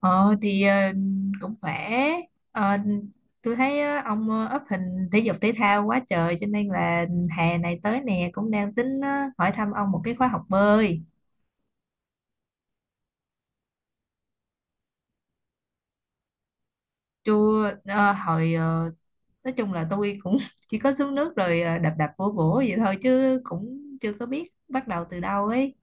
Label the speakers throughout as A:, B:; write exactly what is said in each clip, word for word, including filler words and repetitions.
A: Ờ thì ờ, cũng khỏe. Ờ, tôi thấy ờ, ông ờ, up hình thể dục thể thao quá trời cho nên là hè này tới nè cũng đang tính ờ, hỏi thăm ông một cái khóa học bơi. Chưa. ờ, hồi ờ, nói chung là tôi cũng chỉ có xuống nước rồi ờ, đập đập vỗ vỗ vậy thôi chứ cũng chưa có biết bắt đầu từ đâu ấy.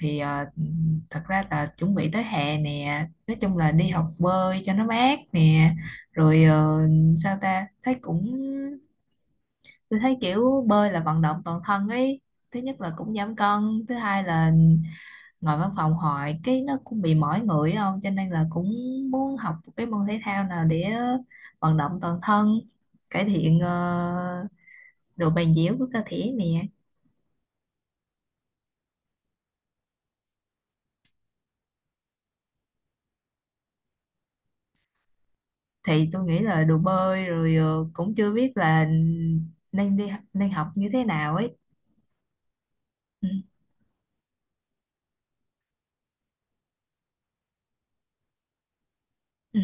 A: Thì ờ, thật ra là chuẩn bị tới hè nè, nói chung là đi học bơi cho nó mát nè. Rồi ờ, sao ta thấy cũng tôi thấy kiểu bơi là vận động toàn thân ấy. Thứ nhất là cũng giảm cân, thứ hai là ngồi văn phòng hoài cái nó cũng bị mỏi người ấy không, cho nên là cũng muốn học một cái môn thể thao nào để vận động toàn thân, cải thiện ờ, độ bền dẻo của cơ thể nè. Thì tôi nghĩ là đồ bơi rồi. ờ, Cũng chưa biết là nên đi nên học như thế nào ấy. Ừ. Ừ.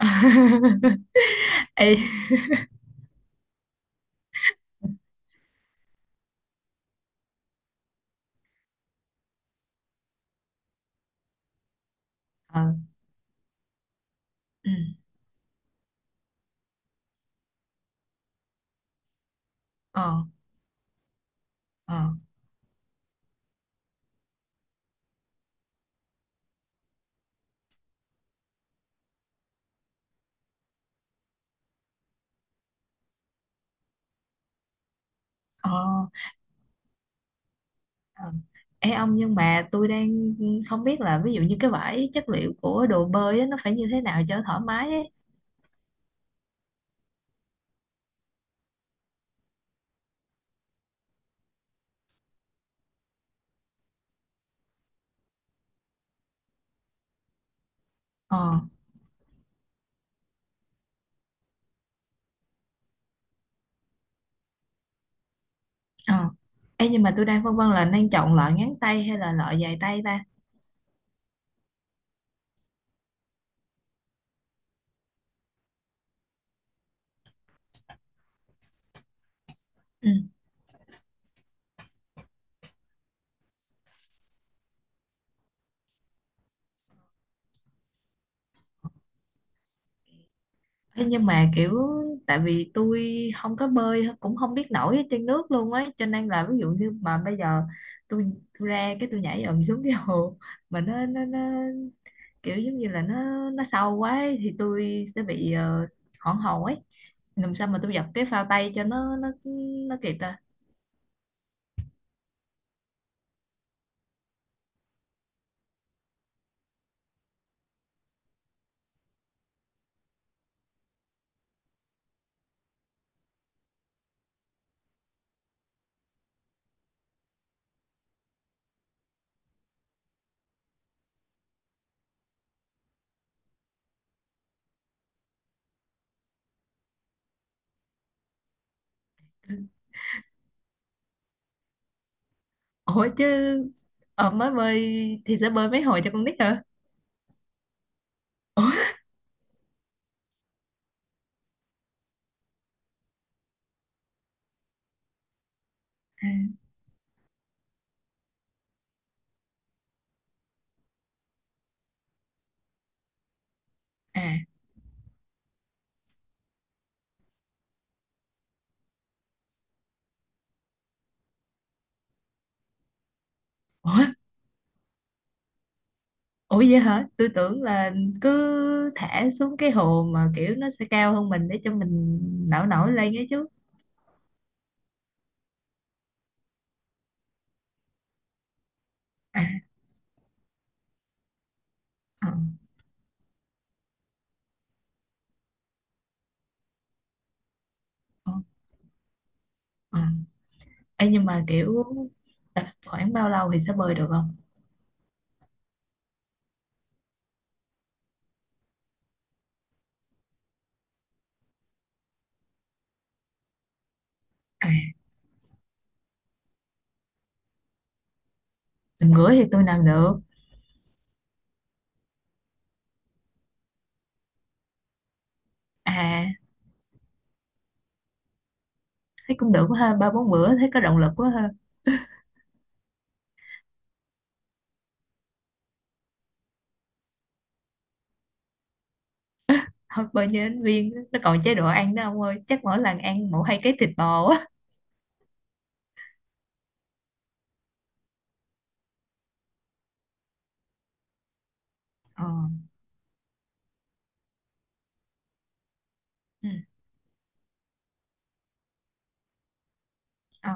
A: Ê. Ờ. Ừ. Ờ. Ờ. Ờ. Ờ. Ê ông, nhưng mà tôi đang không biết là ví dụ như cái vải chất liệu của đồ bơi á, nó phải như thế nào cho thoải mái ấy. Ờ. Ờ. Ê, nhưng mà tôi đang phân vân là nên chọn loại ngắn tay hay là loại dài tay ta. Ừ. Ê, nhưng mà kiểu tại vì tôi không có bơi cũng không biết nổi ở trên nước luôn ấy, cho nên là ví dụ như mà bây giờ tôi tôi ra cái tôi nhảy ầm xuống cái hồ mà nó nó nó kiểu giống như là nó nó sâu quá ấy, thì tôi sẽ bị ờ, hoảng hồn ấy. Làm sao mà tôi giật cái phao tay cho nó nó nó kịp ta? Ủa chứ ờ, mới bơi thì sẽ bơi mấy hồi cho con nít hả? Ủa. À. À. Ủa. Ủa vậy hả, tôi tưởng là cứ thả xuống cái hồ mà kiểu nó sẽ cao hơn mình để cho mình nổi nổi lên ấy chứ. À. Ờ. Ờ. Ờ. Ê, nhưng mà kiểu khoảng bao lâu thì sẽ bơi được không? À, làm gửi thì tôi làm được. À, thấy cũng được quá ha, ba bốn bữa thấy có động lực quá ha. Thôi bao nhiêu ứng viên nó còn chế độ ăn đó ông ơi, chắc mỗi lần ăn mỗi hai cái thịt bò á. Ờ. Ừ. Ờ.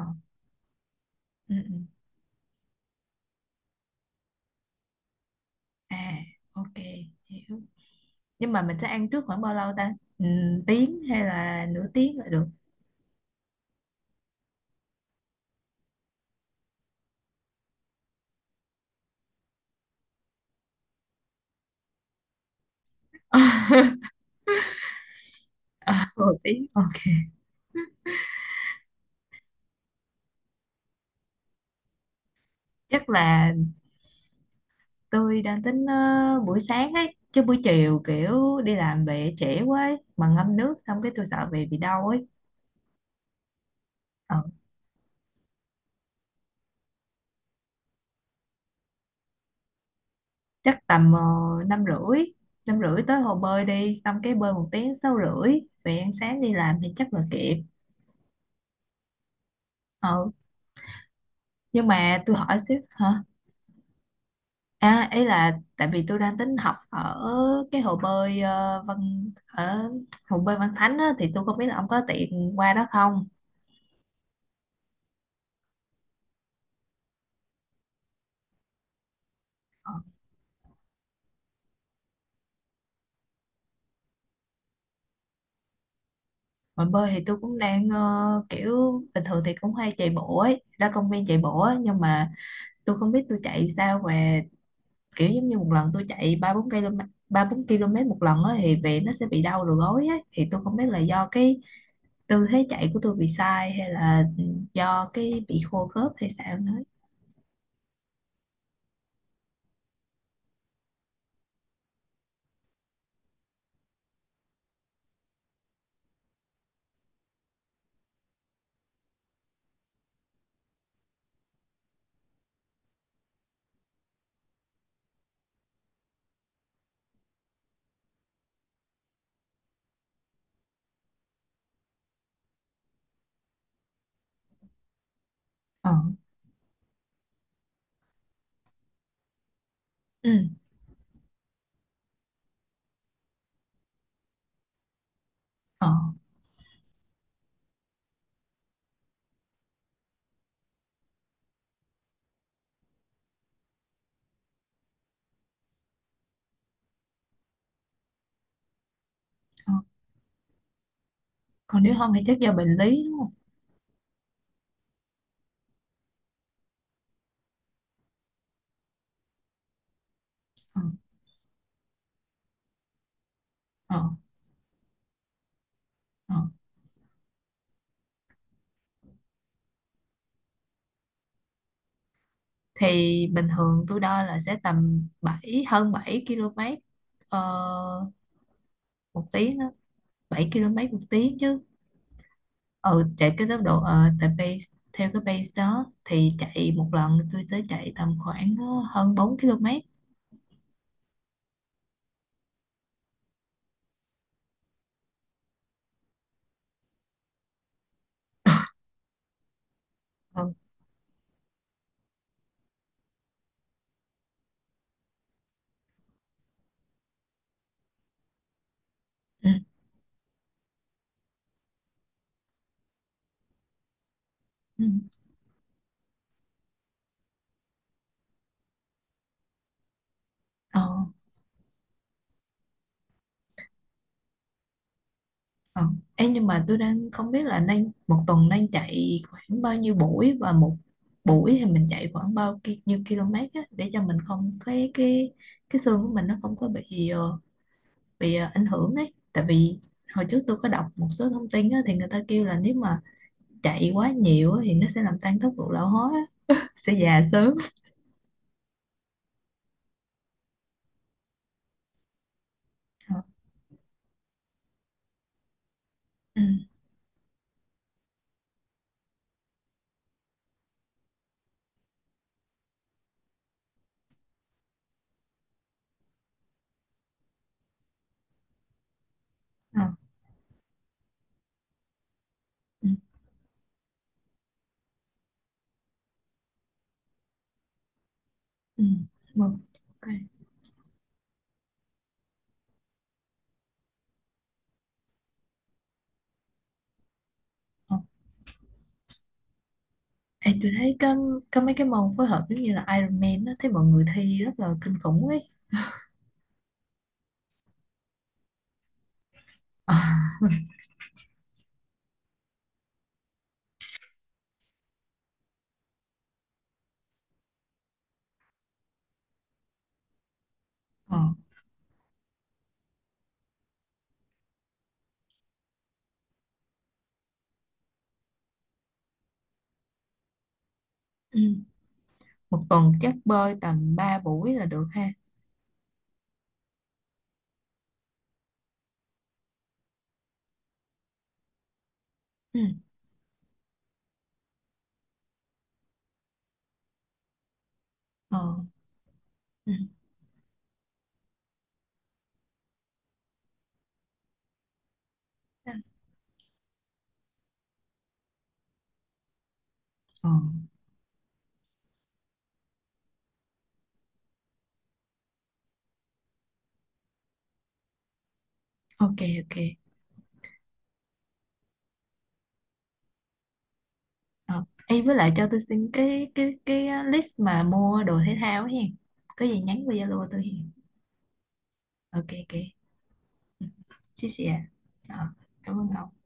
A: Ừ. Ừ. À, ok, hiểu. Nhưng mà mình sẽ ăn trước khoảng bao lâu ta? ừ, Tiếng hay là nửa tiếng là được? À, một tiếng, ok. Chắc là tôi đang tính ờ, buổi sáng ấy, chứ buổi chiều kiểu đi làm về trễ quá ấy. Mà ngâm nước xong cái tôi sợ về bị đau ấy. Ờ. Chắc tầm ờ, năm rưỡi. Năm rưỡi tới hồ bơi đi xong cái bơi một tiếng, sáu rưỡi về ăn sáng đi làm thì chắc là kịp. Ừ, nhưng mà tôi hỏi xíu hả? À, ấy là tại vì tôi đang tính học ở cái hồ bơi ờ, Văn ở hồ bơi Văn Thánh á, thì tôi không biết là ông có tiện qua đó không? Ờ, mà bơi thì tôi cũng đang ờ, kiểu bình thường thì cũng hay chạy bộ ấy, ra công viên chạy bộ á, nhưng mà tôi không biết tôi chạy sao mà kiểu giống như một lần tôi chạy ba bốn km. Ba bốn km một lần á thì về nó sẽ bị đau đầu gối á, thì tôi không biết là do cái tư thế chạy của tôi bị sai hay là do cái bị khô khớp hay sao nữa. Ờ. Ừ. Ờ. Ờ. Còn nếu không thì chắc do bệnh lý đúng không? Ờ. Ờ. Ờ. Thì bình thường tôi đo là sẽ tầm bảy, hơn bảy km ờ, một tiếng á. bảy km một tiếng chứ? Ừ, chạy cái tốc độ ờ tại pace. Theo cái pace đó thì chạy một lần tôi sẽ chạy tầm khoảng ờ, hơn bốn km. Ừ. Ừ. Ừ. Ờ. Ờ. Ê, nhưng mà tôi đang không biết là đang một tuần đang chạy khoảng bao nhiêu buổi, và một buổi thì mình chạy khoảng bao ki- nhiêu km á, để cho mình không cái cái cái xương của mình nó không có bị ờ, bị ờ, ảnh hưởng ấy. Tại vì hồi trước tôi có đọc một số thông tin á, thì người ta kêu là nếu mà chạy quá nhiều á, thì nó sẽ làm tăng tốc độ lão hóa á, sẽ già sớm. Ờ. Ừ. Ờ. Ừ. Ừ. Vâng. Ok. Ờ, ê, tôi thấy có, có mấy cái môn phối hợp giống như là Iron Man á, thấy mọi người thi rất là kinh khủng ấy. Ờ. Ờ. Ừ. Một tuần chắc bơi tầm ba buổi là được ha. Ừ. Ờ. Ừ. Ờ. Ờ. Ok, ok. Ờ, ê, với lại cho tôi xin cái cái cái list mà mua đồ thể thao ấy hen. Có gì nhắn qua Zalo tôi hen. Ok, ok. Ừ. Chia sẻ. Ờ, cảm ơn ông.